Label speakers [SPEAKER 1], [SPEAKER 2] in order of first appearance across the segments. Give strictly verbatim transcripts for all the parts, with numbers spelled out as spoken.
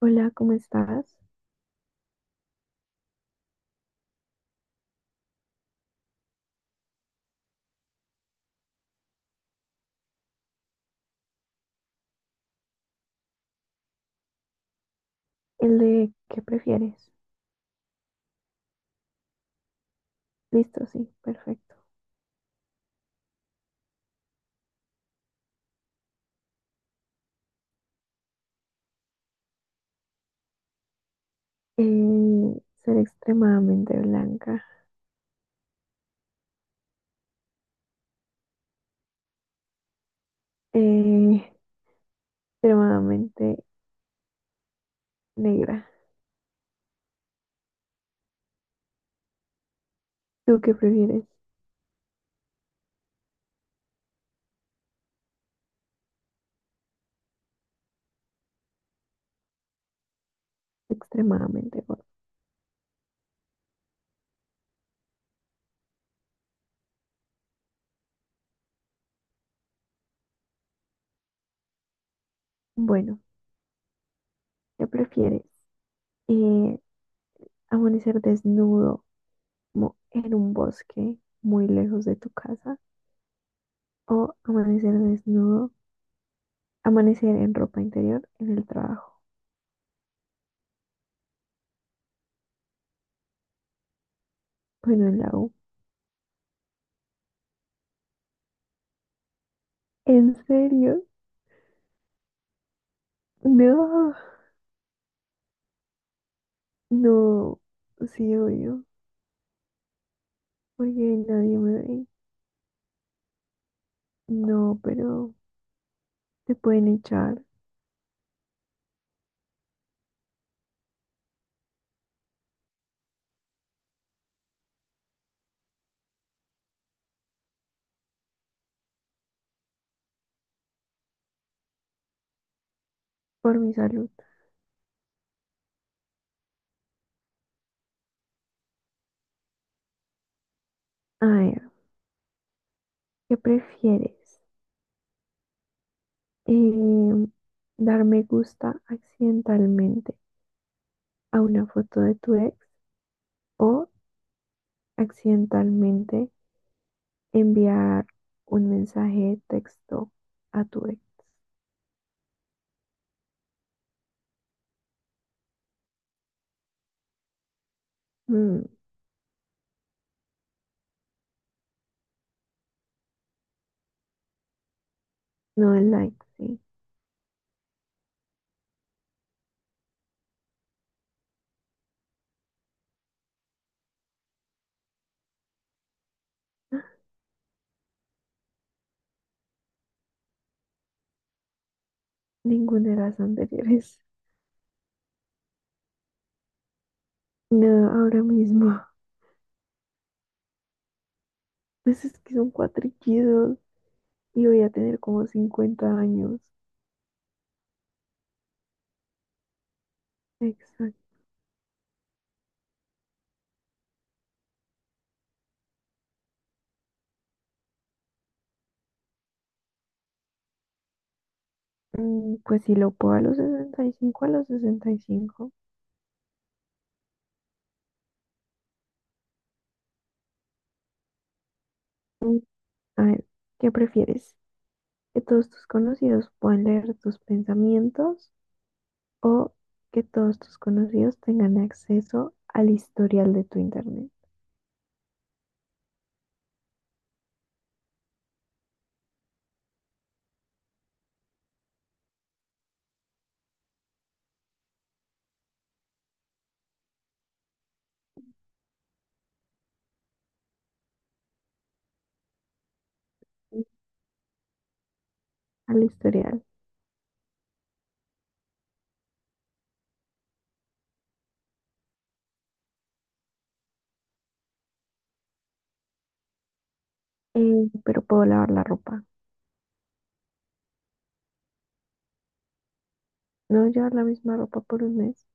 [SPEAKER 1] Hola, ¿cómo estás? El de ¿qué prefieres? Listo, sí, perfecto. Eh, ser extremadamente blanca, eh, extremadamente negra. ¿Tú qué prefieres? Extremadamente gorda. Bueno, ¿qué prefieres? Eh, Amanecer desnudo como en un bosque muy lejos de tu casa o amanecer desnudo, amanecer en ropa interior en el trabajo, bueno, en la U. ¿En serio? No. No, sí, obvio, porque nadie me ve. No, pero te pueden echar por mi salud. A ver, ¿qué prefieres? Em, ¿Dar me gusta accidentalmente a una foto de tu ex o accidentalmente enviar un mensaje de texto a tu ex? Mm, no el like, sí. Ninguna de las anteriores. No, ahora mismo. Pues es que son cuatrillidos y voy a tener como cincuenta años. Exacto. Mm, Pues si lo puedo a los sesenta y cinco, a los sesenta y cinco. Mm, A ver, ¿qué prefieres? ¿Que todos tus conocidos puedan leer tus pensamientos o que todos tus conocidos tengan acceso al historial de tu internet? Mm, Al historial. Eh, pero puedo lavar la ropa. No, llevar la misma ropa por un mes.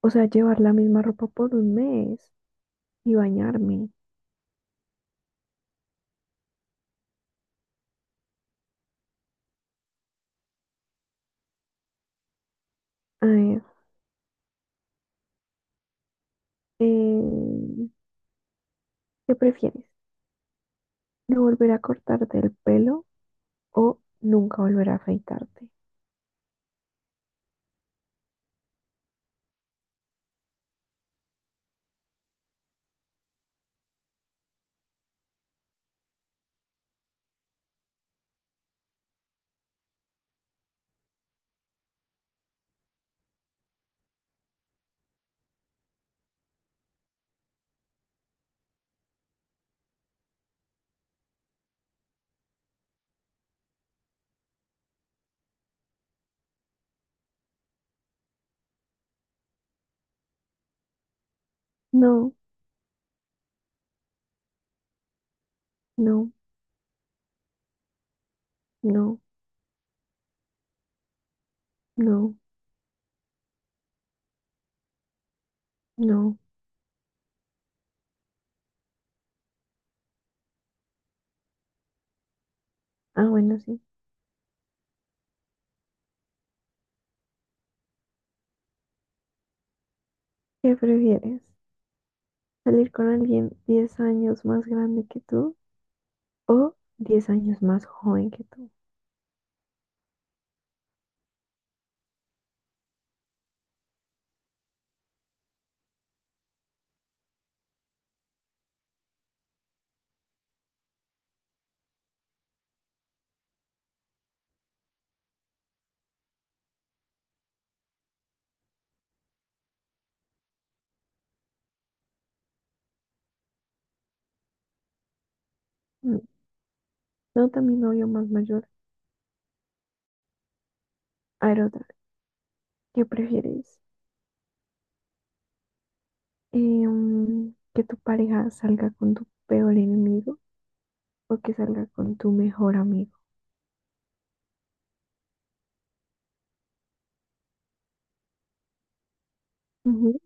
[SPEAKER 1] O sea, llevar la misma ropa por un mes y bañarme. A ver, eh, ¿qué prefieres? No volver a cortarte el pelo o nunca volver a afeitarte. No, no, no, no, no. Ah, bueno, sí. ¿Qué prefieres? ¿Salir con alguien diez años más grande que tú o diez años más joven que tú? Mm, No, también novio más mayor. A ver, otra. ¿Qué prefieres? Eh, mm, ¿Que tu pareja salga con tu peor enemigo o que salga con tu mejor amigo? Ujú,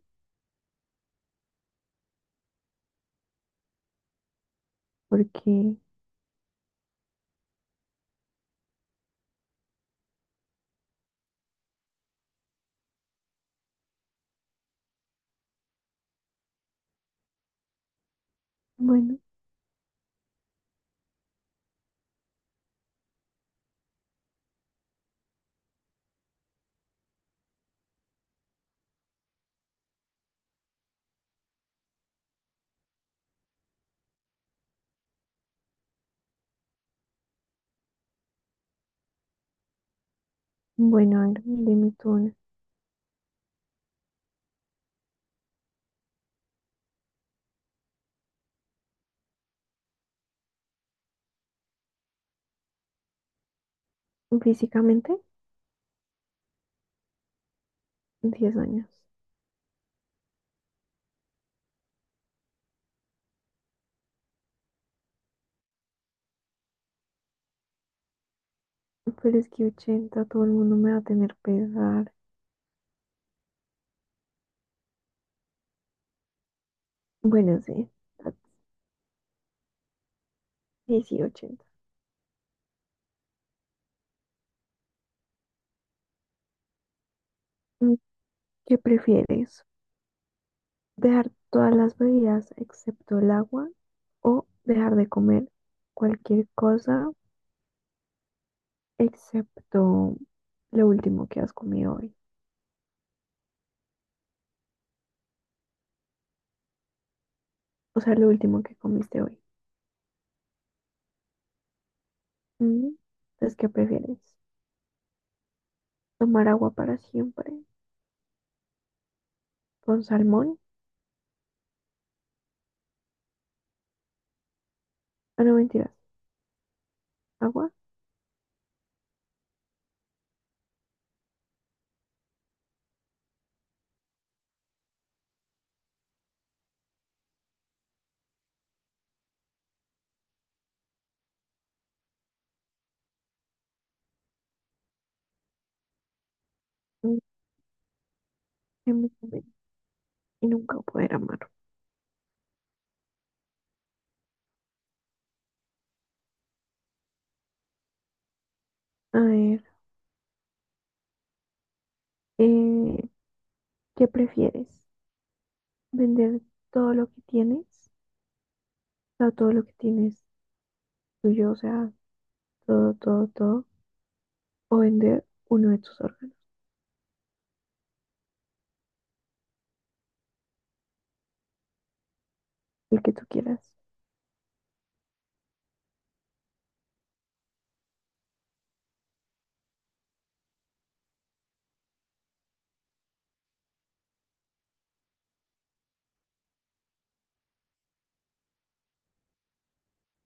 [SPEAKER 1] porque, bueno, bueno, a ver, dime tú una. Físicamente, diez años. Pero es que ochenta todo el mundo me va a tener pesar. Bueno, sí. Sí, sí, ochenta. Mm, ¿Qué prefieres? ¿Dejar todas las bebidas excepto el agua o dejar de comer cualquier cosa excepto lo último que has comido hoy? O sea, lo último que comiste hoy. Mm, Entonces, ¿qué prefieres? ¿Tomar agua para siempre con salmón? Ah, no, mentiras. ¿Agua? Mm, que me comen y nunca poder amar. A ver, eh, ¿qué prefieres? ¿Vender todo lo que tienes? O sea, todo lo que tienes tuyo, o sea, todo, todo, todo. ¿O vender uno de tus órganos? El que tú quieras.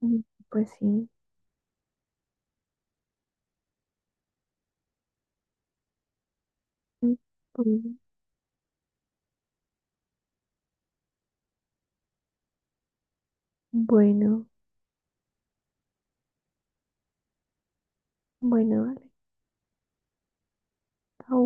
[SPEAKER 1] Mm, pues sí. Mm, mm. Bueno, bueno, vale. Chao.